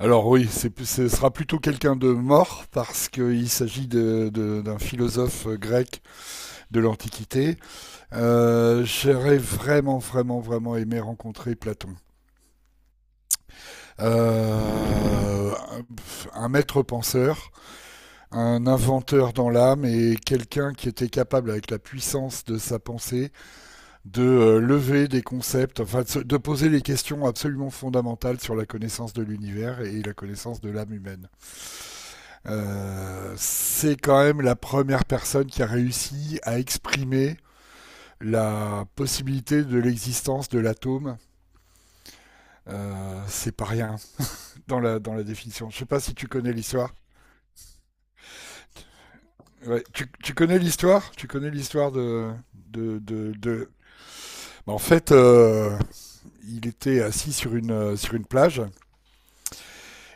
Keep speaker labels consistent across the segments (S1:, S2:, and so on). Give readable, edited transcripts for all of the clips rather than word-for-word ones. S1: Alors oui, ce sera plutôt quelqu'un de mort parce qu'il s'agit d'un philosophe grec de l'Antiquité. J'aurais vraiment, vraiment, vraiment aimé rencontrer Platon. Euh, un maître penseur, un inventeur dans l'âme et quelqu'un qui était capable avec la puissance de sa pensée de lever des concepts, enfin de poser les questions absolument fondamentales sur la connaissance de l'univers et la connaissance de l'âme humaine. C'est quand même la première personne qui a réussi à exprimer la possibilité de l'existence de l'atome. C'est pas rien dans la définition. Je sais pas si tu connais l'histoire. Ouais, tu connais l'histoire? Tu connais l'histoire. Bah, en fait, il était assis sur sur une plage.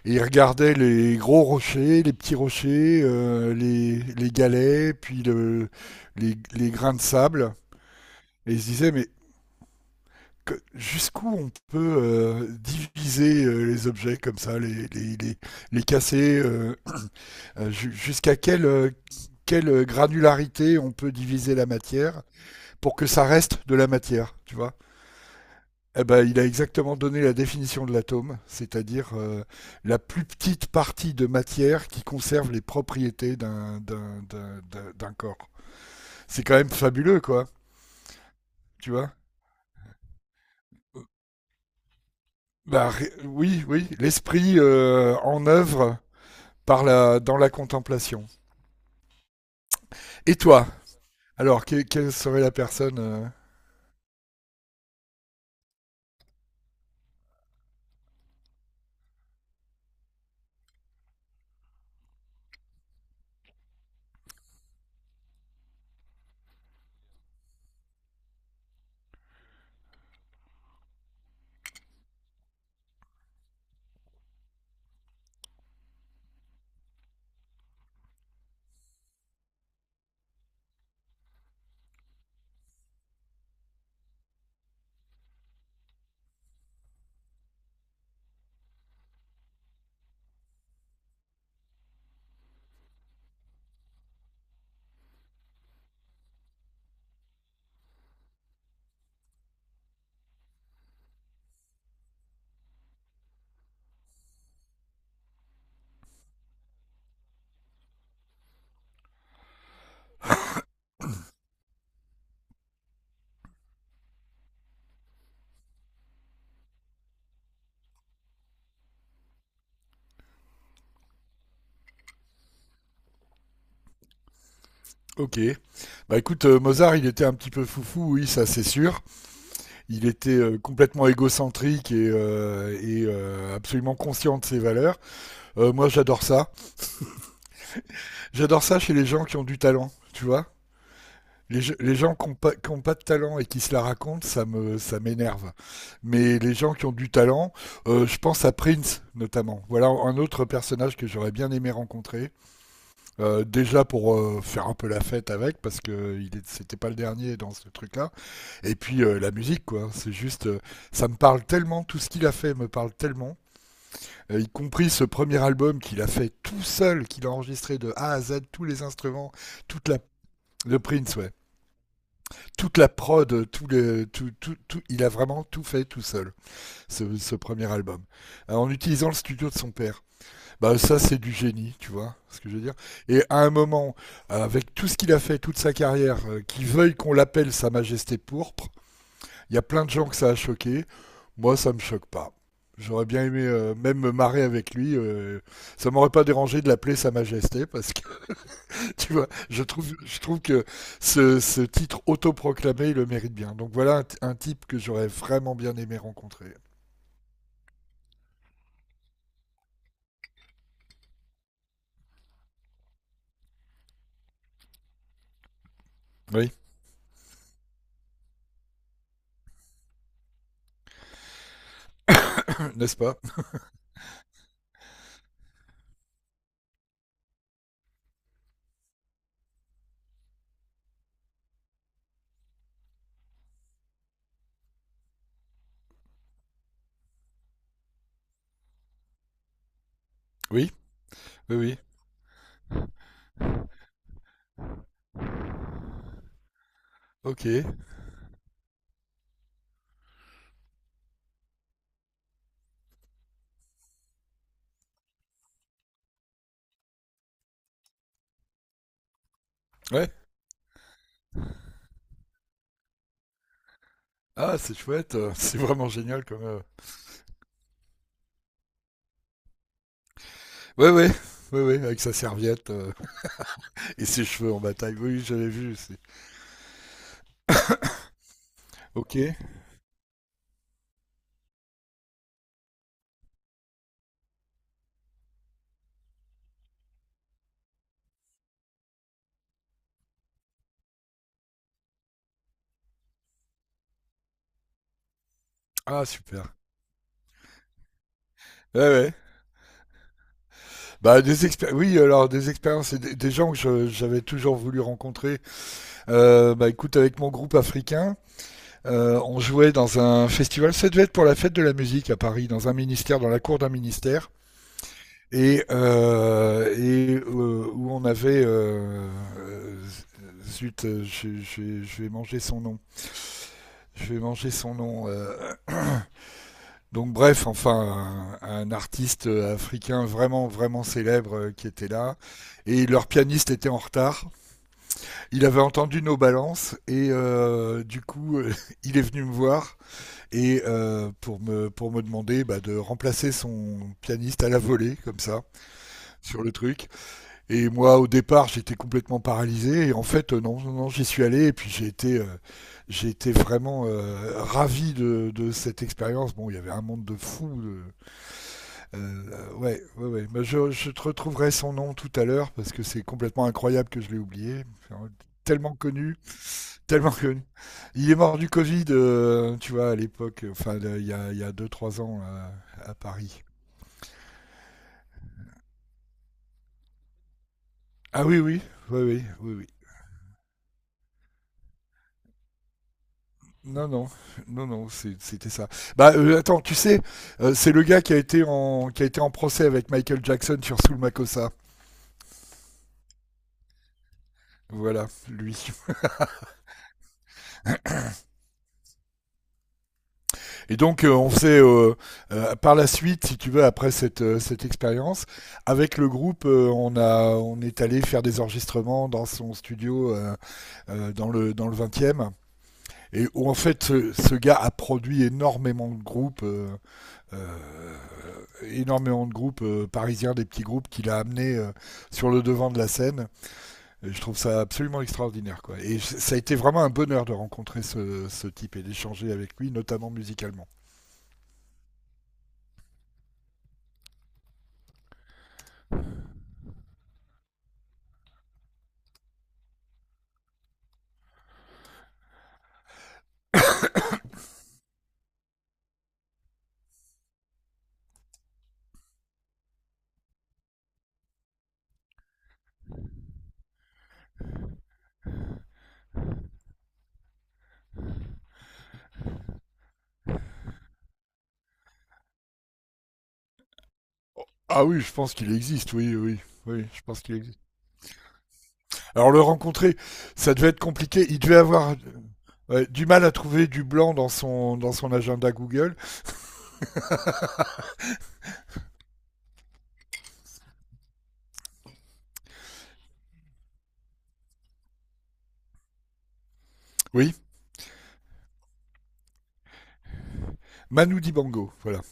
S1: Et il regardait les gros rochers, les petits rochers, les galets, puis les grains de sable. Et il se disait, mais jusqu'où on peut diviser les objets comme ça, les casser, jusqu'à quelle granularité on peut diviser la matière pour que ça reste de la matière, tu vois? Eh ben, il a exactement donné la définition de l'atome, c'est-à-dire la plus petite partie de matière qui conserve les propriétés d'un corps. C'est quand même fabuleux, quoi, tu vois. Bah, oui, oui, l'esprit en œuvre par dans la contemplation. Et toi? Alors, quelle serait la personne Ok. Bah écoute, Mozart, il était un petit peu foufou, oui, ça c'est sûr. Il était complètement égocentrique et absolument conscient de ses valeurs. Moi, j'adore ça. J'adore ça chez les gens qui ont du talent, tu vois. Les gens qui n'ont pas, qui ont pas de talent et qui se la racontent, ça m'énerve. Mais les gens qui ont du talent, je pense à Prince notamment. Voilà un autre personnage que j'aurais bien aimé rencontrer. Déjà pour faire un peu la fête avec, parce que c'était pas le dernier dans ce truc-là. Et puis la musique, quoi. C'est juste, ça me parle tellement, tout ce qu'il a fait me parle tellement y compris ce premier album qu'il a fait tout seul, qu'il a enregistré de A à Z, tous les instruments, toute la le Prince, ouais. Toute la prod, tout, il a vraiment tout fait tout seul, ce premier album, en utilisant le studio de son père. Bah ça, c'est du génie, tu vois, ce que je veux dire. Et à un moment, avec tout ce qu'il a fait, toute sa carrière, qu'il veuille qu'on l'appelle Sa Majesté Pourpre, il y a plein de gens que ça a choqué. Moi, ça me choque pas. J'aurais bien aimé même me marrer avec lui. Ça m'aurait pas dérangé de l'appeler Sa Majesté parce que tu vois, je trouve que ce titre autoproclamé, il le mérite bien. Donc voilà un type que j'aurais vraiment bien aimé rencontrer. Oui, n'est-ce pas. Oui, oui, oui. Ok, ouais. Ah, c'est chouette. C'est vraiment génial comme. Ouais, ouais, ouais, ouais, avec sa serviette et ses cheveux en bataille. Oui, j'avais vu aussi. Ok. Ah, super. Ouais, ouais. Bah, oui, alors des expériences et des gens j'avais toujours voulu rencontrer. Bah, écoute, avec mon groupe africain, on jouait dans un festival. Ça devait être pour la fête de la musique à Paris, dans un ministère, dans la cour d'un ministère, où on avait. Euh, zut, je vais manger son nom. Je vais manger son nom. Donc bref, enfin, artiste africain vraiment, vraiment célèbre qui était là. Et leur pianiste était en retard. Il avait entendu nos balances et du coup, il est venu me voir et pour me demander bah, de remplacer son pianiste à la volée, comme ça, sur le truc. Et moi, au départ, j'étais complètement paralysé. Et en fait, non, non, non, j'y suis allé et puis j'ai été vraiment ravi de, cette expérience. Bon, il y avait un monde de fous, ouais, ouais, ouais. Mais je te retrouverai son nom tout à l'heure parce que c'est complètement incroyable que je l'ai oublié. Enfin, tellement connu, tellement connu. Il est mort du Covid, tu vois, à l'époque, enfin, là, il y a 2-3 ans là, à Paris. Ah oui, oui, oui, oui, oui, oui. Non, non, non, non, c'était ça. Bah, attends, tu sais, c'est le gars qui a été qui a été en procès avec Michael Jackson sur Soul Makossa. Voilà, lui. Et donc, on faisait par la suite, si tu veux, après cette expérience, avec le groupe, on est allé faire des enregistrements dans son studio dans, dans le 20e. Et où en fait, ce gars a produit euh, énormément de groupes parisiens, des petits groupes qu'il a amenés sur le devant de la scène. Et je trouve ça absolument extraordinaire. Quoi. Et ça a été vraiment un bonheur de rencontrer ce type et d'échanger avec lui, notamment musicalement. Ah oui, je pense qu'il existe, oui, oui, oui, je pense qu'il existe. Alors le rencontrer, ça devait être compliqué. Il devait avoir ouais, du mal à trouver du blanc dans son agenda Google. Oui, Manu Dibango, voilà.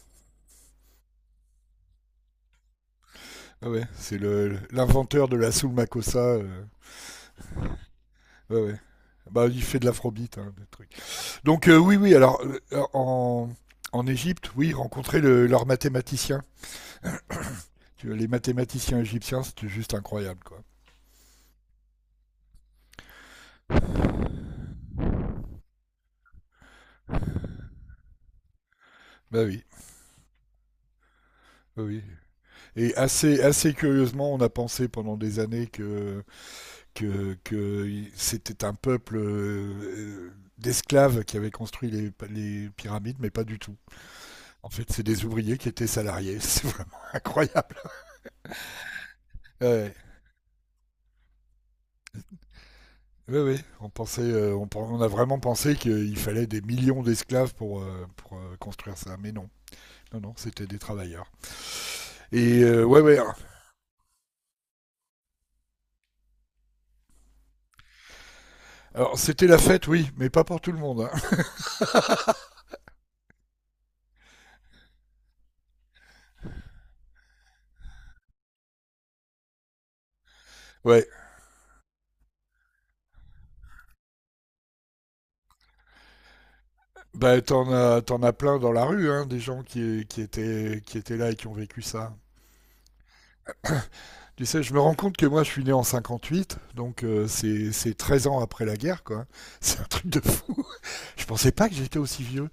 S1: Ah ouais, c'est le l'inventeur de la soul makossa. Ouais, ouais. Bah, il fait de l'afrobeat, hein, des trucs. Donc oui, oui. Alors en en Égypte, oui, rencontrer le, leurs mathématiciens. Tu vois, les mathématiciens égyptiens, c'était juste incroyable, quoi. Bah oui, bah oui. Et assez, assez curieusement, on a pensé pendant des années que, que c'était un peuple d'esclaves qui avait construit les pyramides, mais pas du tout. En fait, c'est des ouvriers qui étaient salariés. C'est vraiment incroyable. Ouais. Oui, oui, pensait, on a vraiment pensé qu'il fallait des millions d'esclaves pour, construire ça, mais non. Non, non, c'était des travailleurs. Et ouais, ouais. Alors, c'était la fête, oui, mais pas pour tout le monde. Hein. Ouais, bah, t'en as plein dans la rue, hein, des gens qui étaient là et qui ont vécu ça. Tu sais, je me rends compte que moi, je suis né en 58, donc c'est 13 ans après la guerre, quoi. C'est un truc de fou. Je pensais pas que j'étais aussi vieux.